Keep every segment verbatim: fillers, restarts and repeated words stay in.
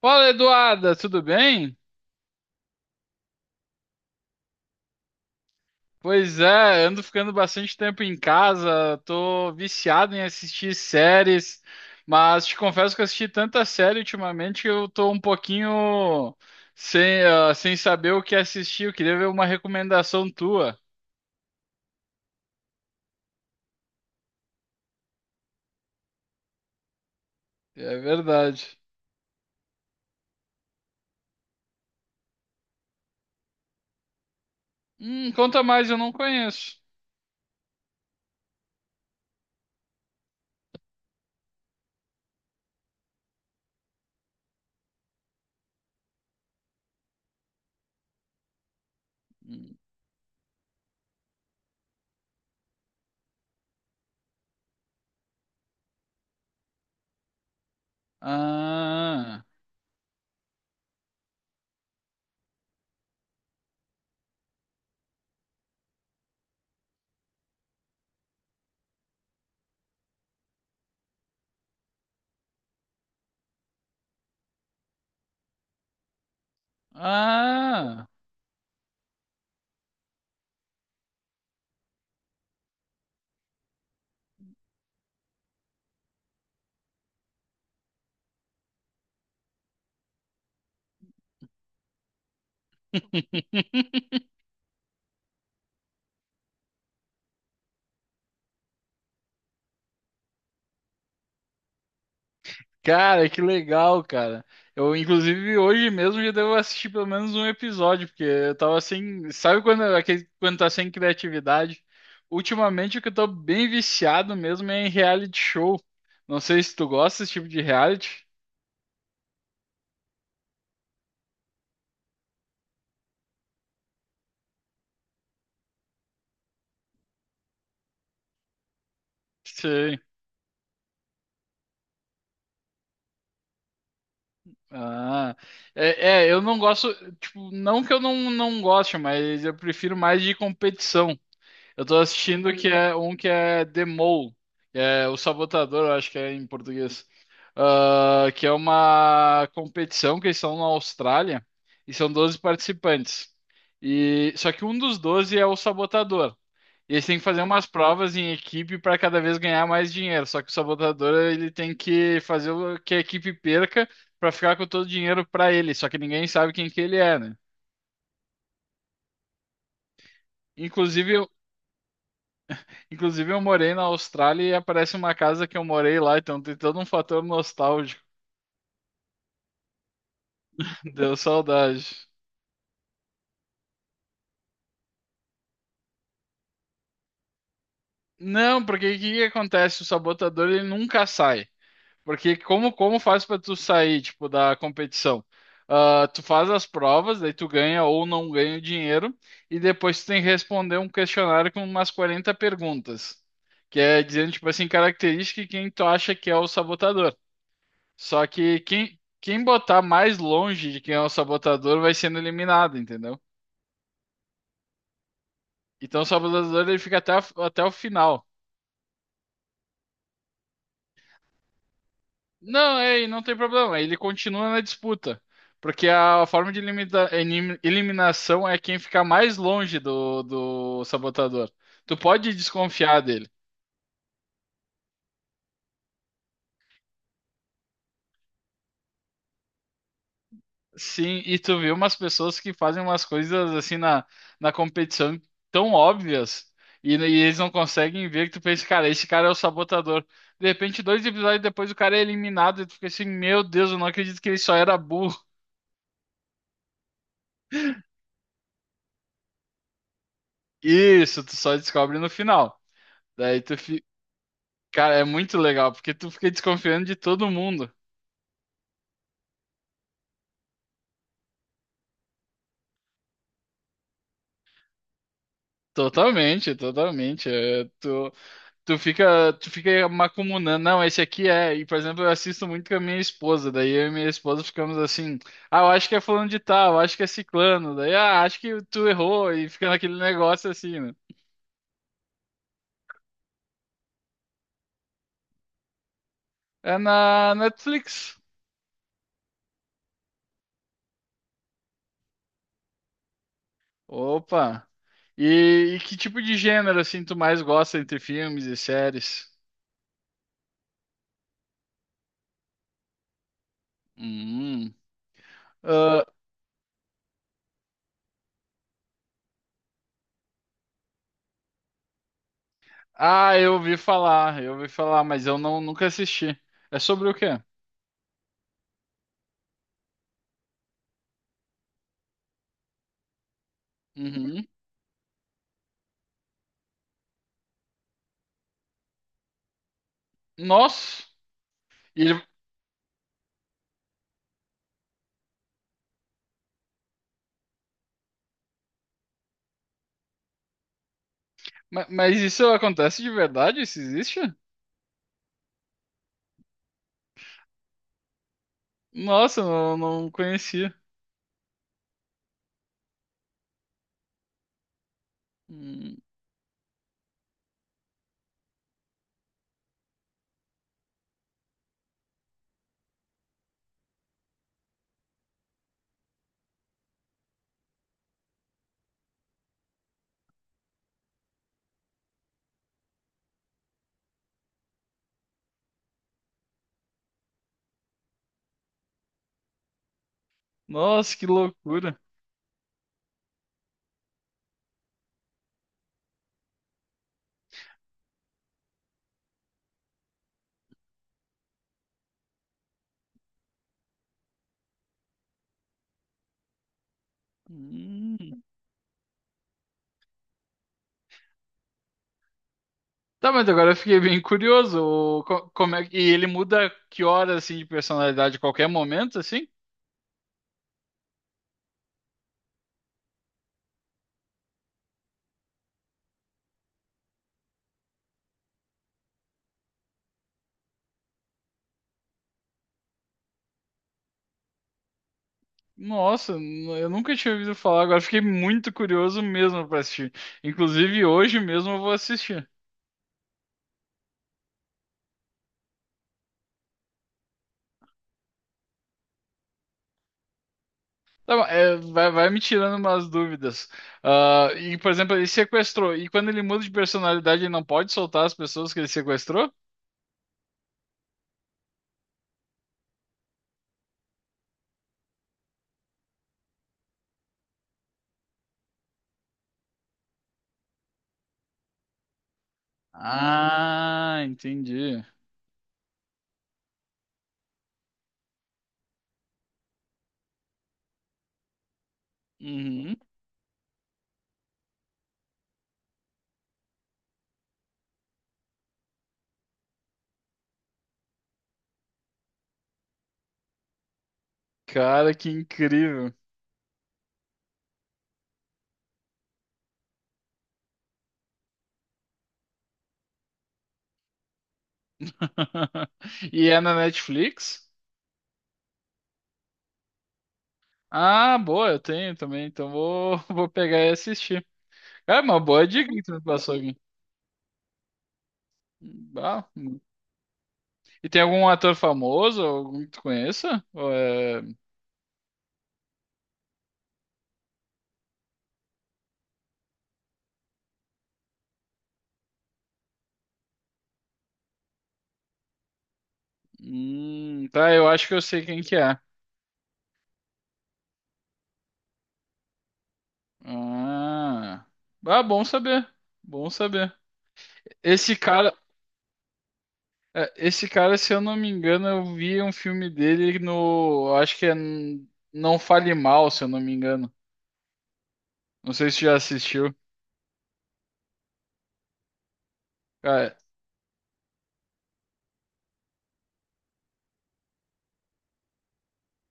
Fala, Eduarda, tudo bem? Pois é, ando ficando bastante tempo em casa, tô viciado em assistir séries, mas te confesso que eu assisti tanta série ultimamente que eu tô um pouquinho sem, ah, sem saber o que assistir. Eu queria ver uma recomendação tua. É verdade. Hum, conta mais, eu não conheço. Hum. Ah. Ah. Cara, que legal, cara. Eu, inclusive, hoje mesmo já devo assistir pelo menos um episódio, porque eu tava sem. Sabe quando, aquele- quando tá sem criatividade? Ultimamente o que eu tô bem viciado mesmo é em reality show. Não sei se tu gosta desse tipo de reality. Sei. Ah. É, é, eu não gosto. Tipo, não que eu não, não goste, mas eu prefiro mais de competição. Eu tô assistindo que é um que é The Mole, que é o Sabotador, eu acho que é em português. Ah, que é uma competição que eles são na Austrália e são doze participantes. E só que um dos doze é o sabotador. E eles têm que fazer umas provas em equipe para cada vez ganhar mais dinheiro. Só que o sabotador ele tem que fazer o que a equipe perca para ficar com todo o dinheiro para ele. Só que ninguém sabe quem que ele é, né? Inclusive, Inclusive, eu morei na Austrália e aparece uma casa que eu morei lá, então tem todo um fator nostálgico. Deu saudade. Não, porque o que que acontece? O sabotador ele nunca sai. Porque como, como faz pra tu sair, tipo, da competição? Ah, tu faz as provas, daí tu ganha ou não ganha o dinheiro, e depois tu tem que responder um questionário com umas quarenta perguntas. Que é dizendo, tipo assim, característica de quem tu acha que é o sabotador. Só que quem, quem botar mais longe de quem é o sabotador vai sendo eliminado, entendeu? Então o sabotador ele fica até, a- até o final. Não, é, e não tem problema, ele continua na disputa. Porque a forma de limita- elim- eliminação é quem ficar mais longe do, do sabotador. Tu pode desconfiar dele. Sim, e tu vê umas pessoas que fazem umas coisas assim na, na competição tão óbvias e, né, e eles não conseguem ver que tu pensa, cara, esse cara é o sabotador. De repente, dois episódios depois o cara é eliminado e tu fica assim, meu Deus, eu não acredito que ele só era burro. Isso, tu só descobre no final. Daí tu fica, cara, é muito legal porque tu fica desconfiando de todo mundo. Totalmente, totalmente. É. tu... Tu fica, tu fica macumunando. Não, esse aqui é. E, por exemplo, eu assisto muito com a minha esposa. Daí eu e minha esposa ficamos assim. Ah, eu acho que é fulano de tal, eu acho que é ciclano. Daí, ah, acho que tu errou. E fica naquele negócio assim, né? É na Netflix. Opa. E, e que tipo de gênero, assim, tu mais gosta entre filmes e séries? Hum. Ah, ah, eu ouvi falar, eu ouvi falar, mas eu não, nunca assisti. É sobre o quê? Uhum. Nossa! E ele, Ma- Mas isso acontece de verdade? Isso existe? Nossa, não, não conhecia. Hum, Nossa, que loucura. Hum. Tá, mas agora eu fiquei bem curioso. O- co- Como é, que- e ele muda que hora assim de personalidade a qualquer momento, assim? Nossa, n- eu nunca tinha ouvido falar. Agora eu fiquei muito curioso mesmo pra assistir. Inclusive hoje mesmo eu vou assistir. Tá bom, é, vai, vai me tirando umas dúvidas. Ah, e, por exemplo, ele sequestrou. E quando ele muda de personalidade, ele não pode soltar as pessoas que ele sequestrou? Ah, entendi. Uhum. Cara, que incrível. E é na Netflix? Ah, boa, eu tenho também. Então vou, vou pegar e assistir. É uma boa dica que tu me passou aqui. Ah, e tem algum ator famoso, algum que tu conheça? Ou é- Hum, tá, eu acho que eu sei quem que é. Ah, ah, bom saber. Bom saber. Esse cara, é, esse cara, se eu não me engano, eu vi um filme dele no, acho que é n- Não Fale Mal, se eu não me engano. Não sei se já assistiu. Cara,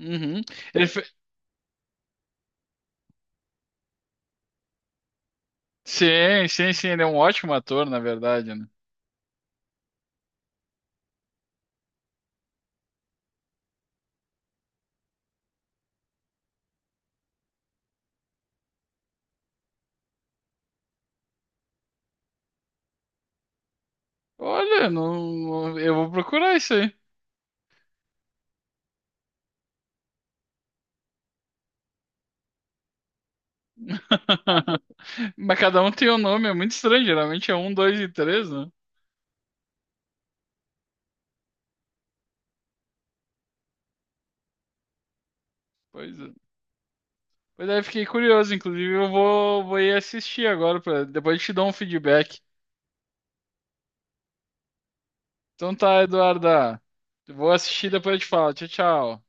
uhum. Ele fe... Sim, sim, sim, ele é um ótimo ator, na verdade, né? Olha, não, não- eu vou procurar isso aí. Mas cada um tem um nome, é muito estranho. Geralmente é um, dois e três, né? Pois é. Pois é, fiquei curioso, inclusive eu vou, vou, ir assistir agora, pra... depois eu te dou um feedback. Então tá, Eduarda, eu vou assistir e depois eu te falo. Tchau, tchau.